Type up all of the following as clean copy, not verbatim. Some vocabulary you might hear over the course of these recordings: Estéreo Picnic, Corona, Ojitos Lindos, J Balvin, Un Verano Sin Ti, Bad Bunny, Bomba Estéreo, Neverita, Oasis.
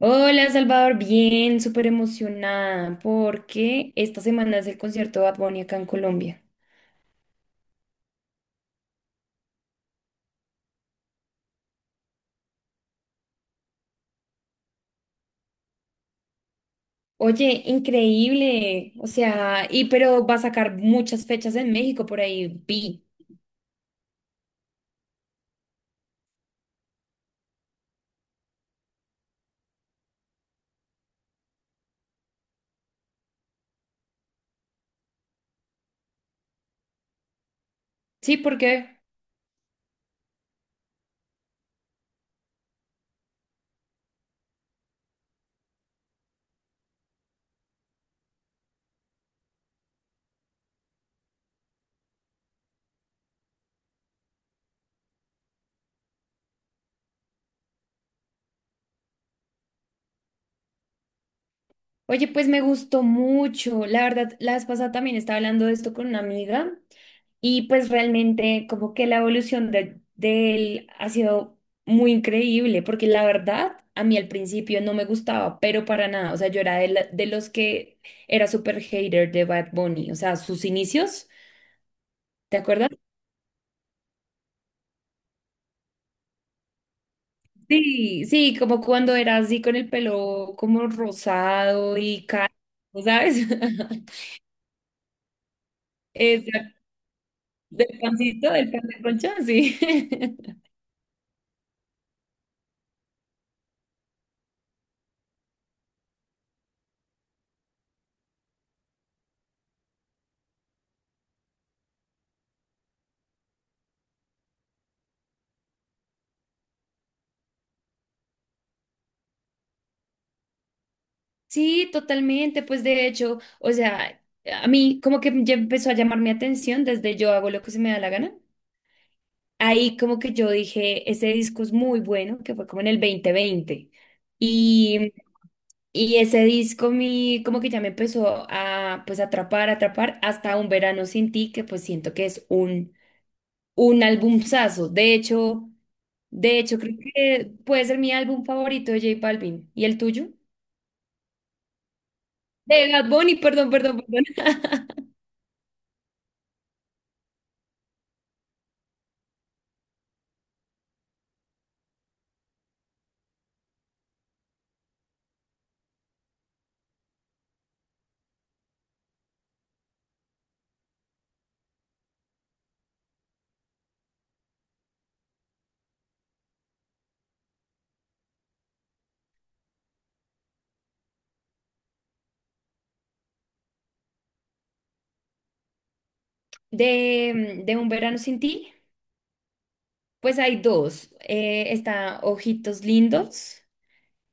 Hola Salvador, bien, súper emocionada porque esta semana es el concierto de Bad Bunny acá en Colombia. Oye, increíble, o sea, y pero va a sacar muchas fechas en México por ahí, vi. Sí, ¿por qué? Oye, pues me gustó mucho. La verdad, la vez pasada también estaba hablando de esto con una amiga y pues realmente como que la evolución de él ha sido muy increíble porque la verdad a mí al principio no me gustaba, pero para nada. O sea, yo era de los que era súper hater de Bad Bunny. O sea, sus inicios, ¿te acuerdas? Sí, sí, como cuando era así con el pelo como rosado y caro, ¿sabes? Exacto. Del pancito, del pan de concha, sí. Sí, totalmente. Pues de hecho, o sea, a mí como que ya empezó a llamar mi atención desde yo hago lo que se me da la gana. Ahí como que yo dije, ese disco es muy bueno, que fue como en el 2020. Y, y ese disco, como que ya me empezó a pues atrapar, atrapar, hasta Un Verano Sin Ti, que pues siento que es un albumzazo. De hecho, creo que puede ser mi álbum favorito de J Balvin. ¿Y el tuyo? De Bad Bunny, perdón, perdón, perdón. De Un Verano Sin Ti, pues hay dos. Está Ojitos Lindos,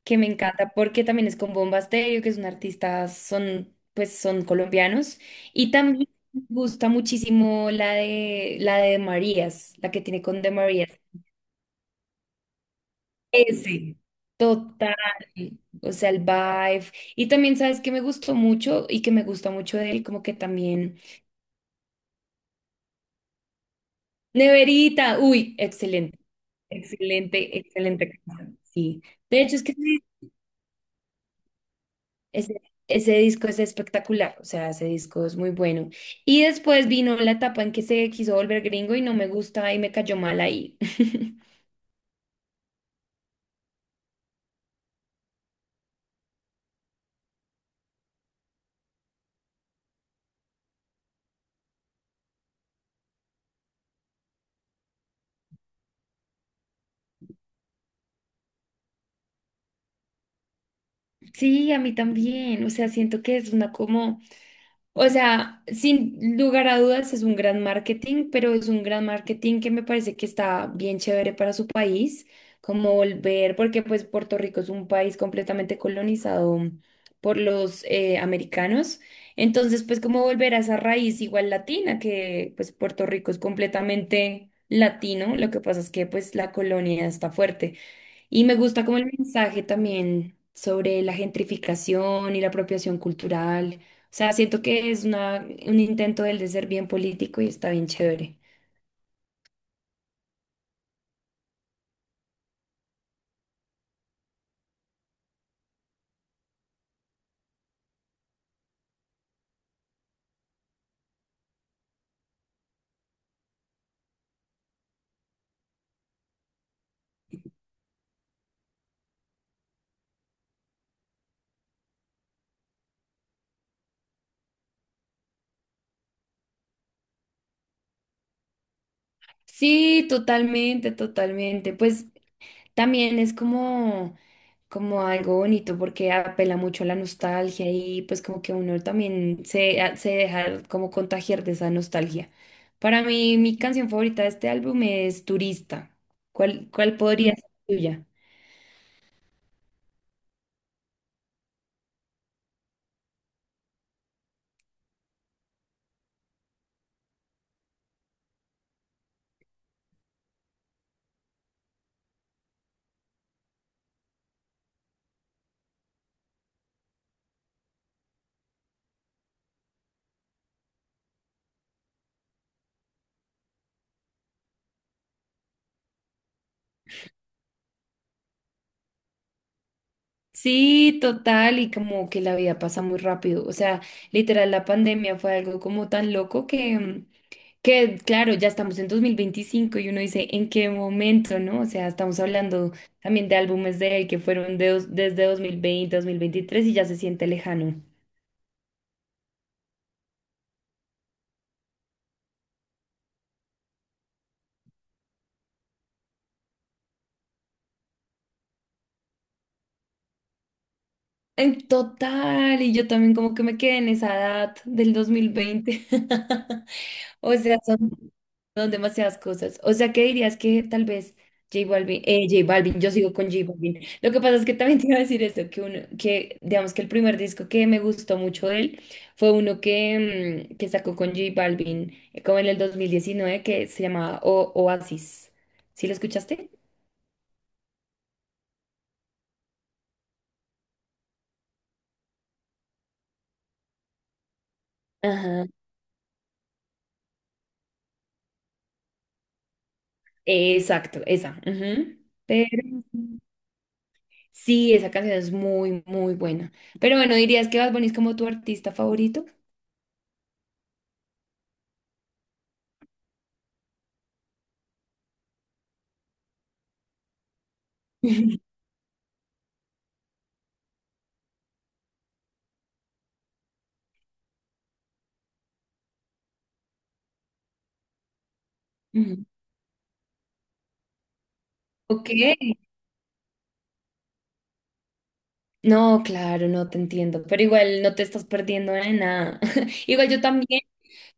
que me encanta porque también es con Bomba Estéreo, que es un artista, pues son colombianos. Y también me gusta muchísimo la de Marías, la que tiene con De Marías. Ese. Total. O sea, el vibe. Y también, ¿sabes qué me gustó mucho y que me gusta mucho de él? Como que también... Neverita, uy, excelente. Excelente, excelente canción. Sí. De hecho, es que ese, ese ese disco es espectacular. O sea, ese disco es muy bueno. Y después vino la etapa en que se quiso volver gringo y no me gusta y me cayó mal ahí. Sí, a mí también. O sea, siento que es una como. O sea, sin lugar a dudas es un gran marketing, pero es un gran marketing que me parece que está bien chévere para su país, como volver, porque pues Puerto Rico es un país completamente colonizado por los americanos, entonces pues como volver a esa raíz igual latina, que pues Puerto Rico es completamente latino, lo que pasa es que pues la colonia está fuerte. Y me gusta como el mensaje también sobre la gentrificación y la apropiación cultural. O sea, siento que es un intento del de ser bien político y está bien chévere. Sí, totalmente, totalmente. Pues también es como algo bonito porque apela mucho a la nostalgia y pues como que uno también se deja como contagiar de esa nostalgia. Para mí, mi canción favorita de este álbum es Turista. ¿Cuál podría ser tuya? Sí, total, y como que la vida pasa muy rápido. O sea, literal, la pandemia fue algo como tan loco que claro, ya estamos en 2025 y uno dice, ¿en qué momento, no? O sea, estamos hablando también de álbumes de él que fueron desde 2020, 2023 y ya se siente lejano. En total, y yo también como que me quedé en esa edad del 2020. O sea, son demasiadas cosas. O sea, ¿qué dirías que tal vez J Balvin, J Balvin, yo sigo con J Balvin. Lo que pasa es que también te iba a decir esto, que uno, que digamos que el primer disco que me gustó mucho de él fue uno que sacó con J Balvin, como en el 2019, que se llamaba Oasis. ¿Sí lo escuchaste? Ajá. Exacto, esa. Ujú. Pero sí, esa canción es muy, muy buena. Pero bueno, ¿dirías que Bad Bunny es como tu artista favorito? Ujú. Ok. No, claro, no te entiendo, pero igual no te estás perdiendo de nada. Igual yo también,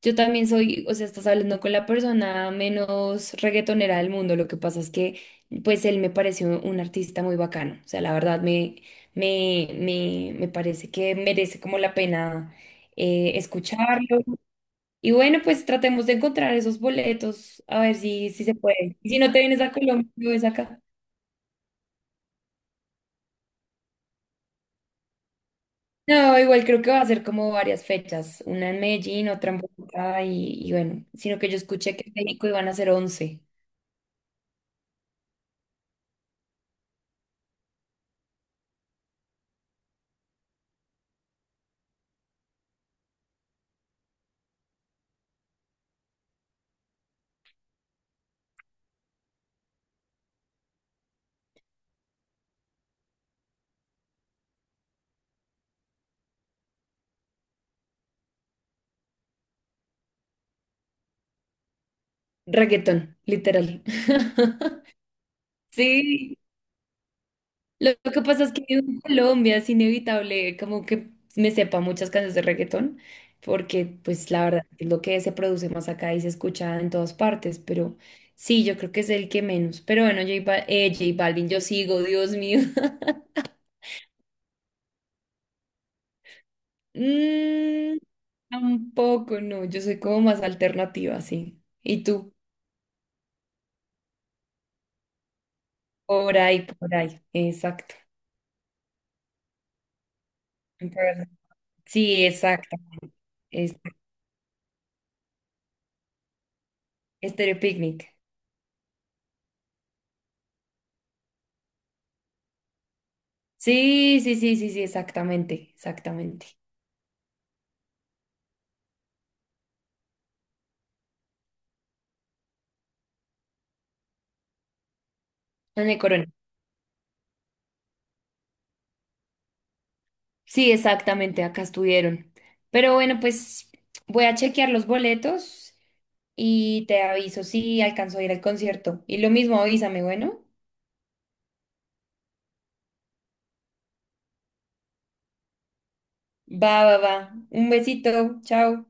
yo también soy, o sea, estás hablando con la persona menos reggaetonera del mundo. Lo que pasa es que, pues, él me pareció un artista muy bacano. O sea, la verdad me parece que merece como la pena escucharlo. Y bueno, pues tratemos de encontrar esos boletos, a ver si se puede. Y si no te vienes a Colombia, lo ves acá. No, igual creo que va a ser como varias fechas, una en Medellín, otra en Bogotá y bueno, sino que yo escuché que en México iban a ser 11. Reggaetón, literal. Sí, lo que pasa es que vivo en Colombia, es inevitable como que me sepa muchas canciones de reggaetón, porque pues la verdad es lo que se produce más acá y se escucha en todas partes, pero sí, yo creo que es el que menos. Pero bueno, J Balvin, yo sigo, Dios mío. Mm, tampoco, no. Yo soy como más alternativa, sí. Y tú, por ahí, por ahí. Exacto. Por- Sí, exacto. Es- Estéreo Picnic. Sí, sí, sí, sí, sí, exactamente, exactamente. En el Corona. Sí, exactamente, acá estuvieron. Pero bueno, pues voy a chequear los boletos y te aviso si alcanzo a ir al concierto. Y lo mismo, avísame, bueno. Va, va, va. Un besito, chao.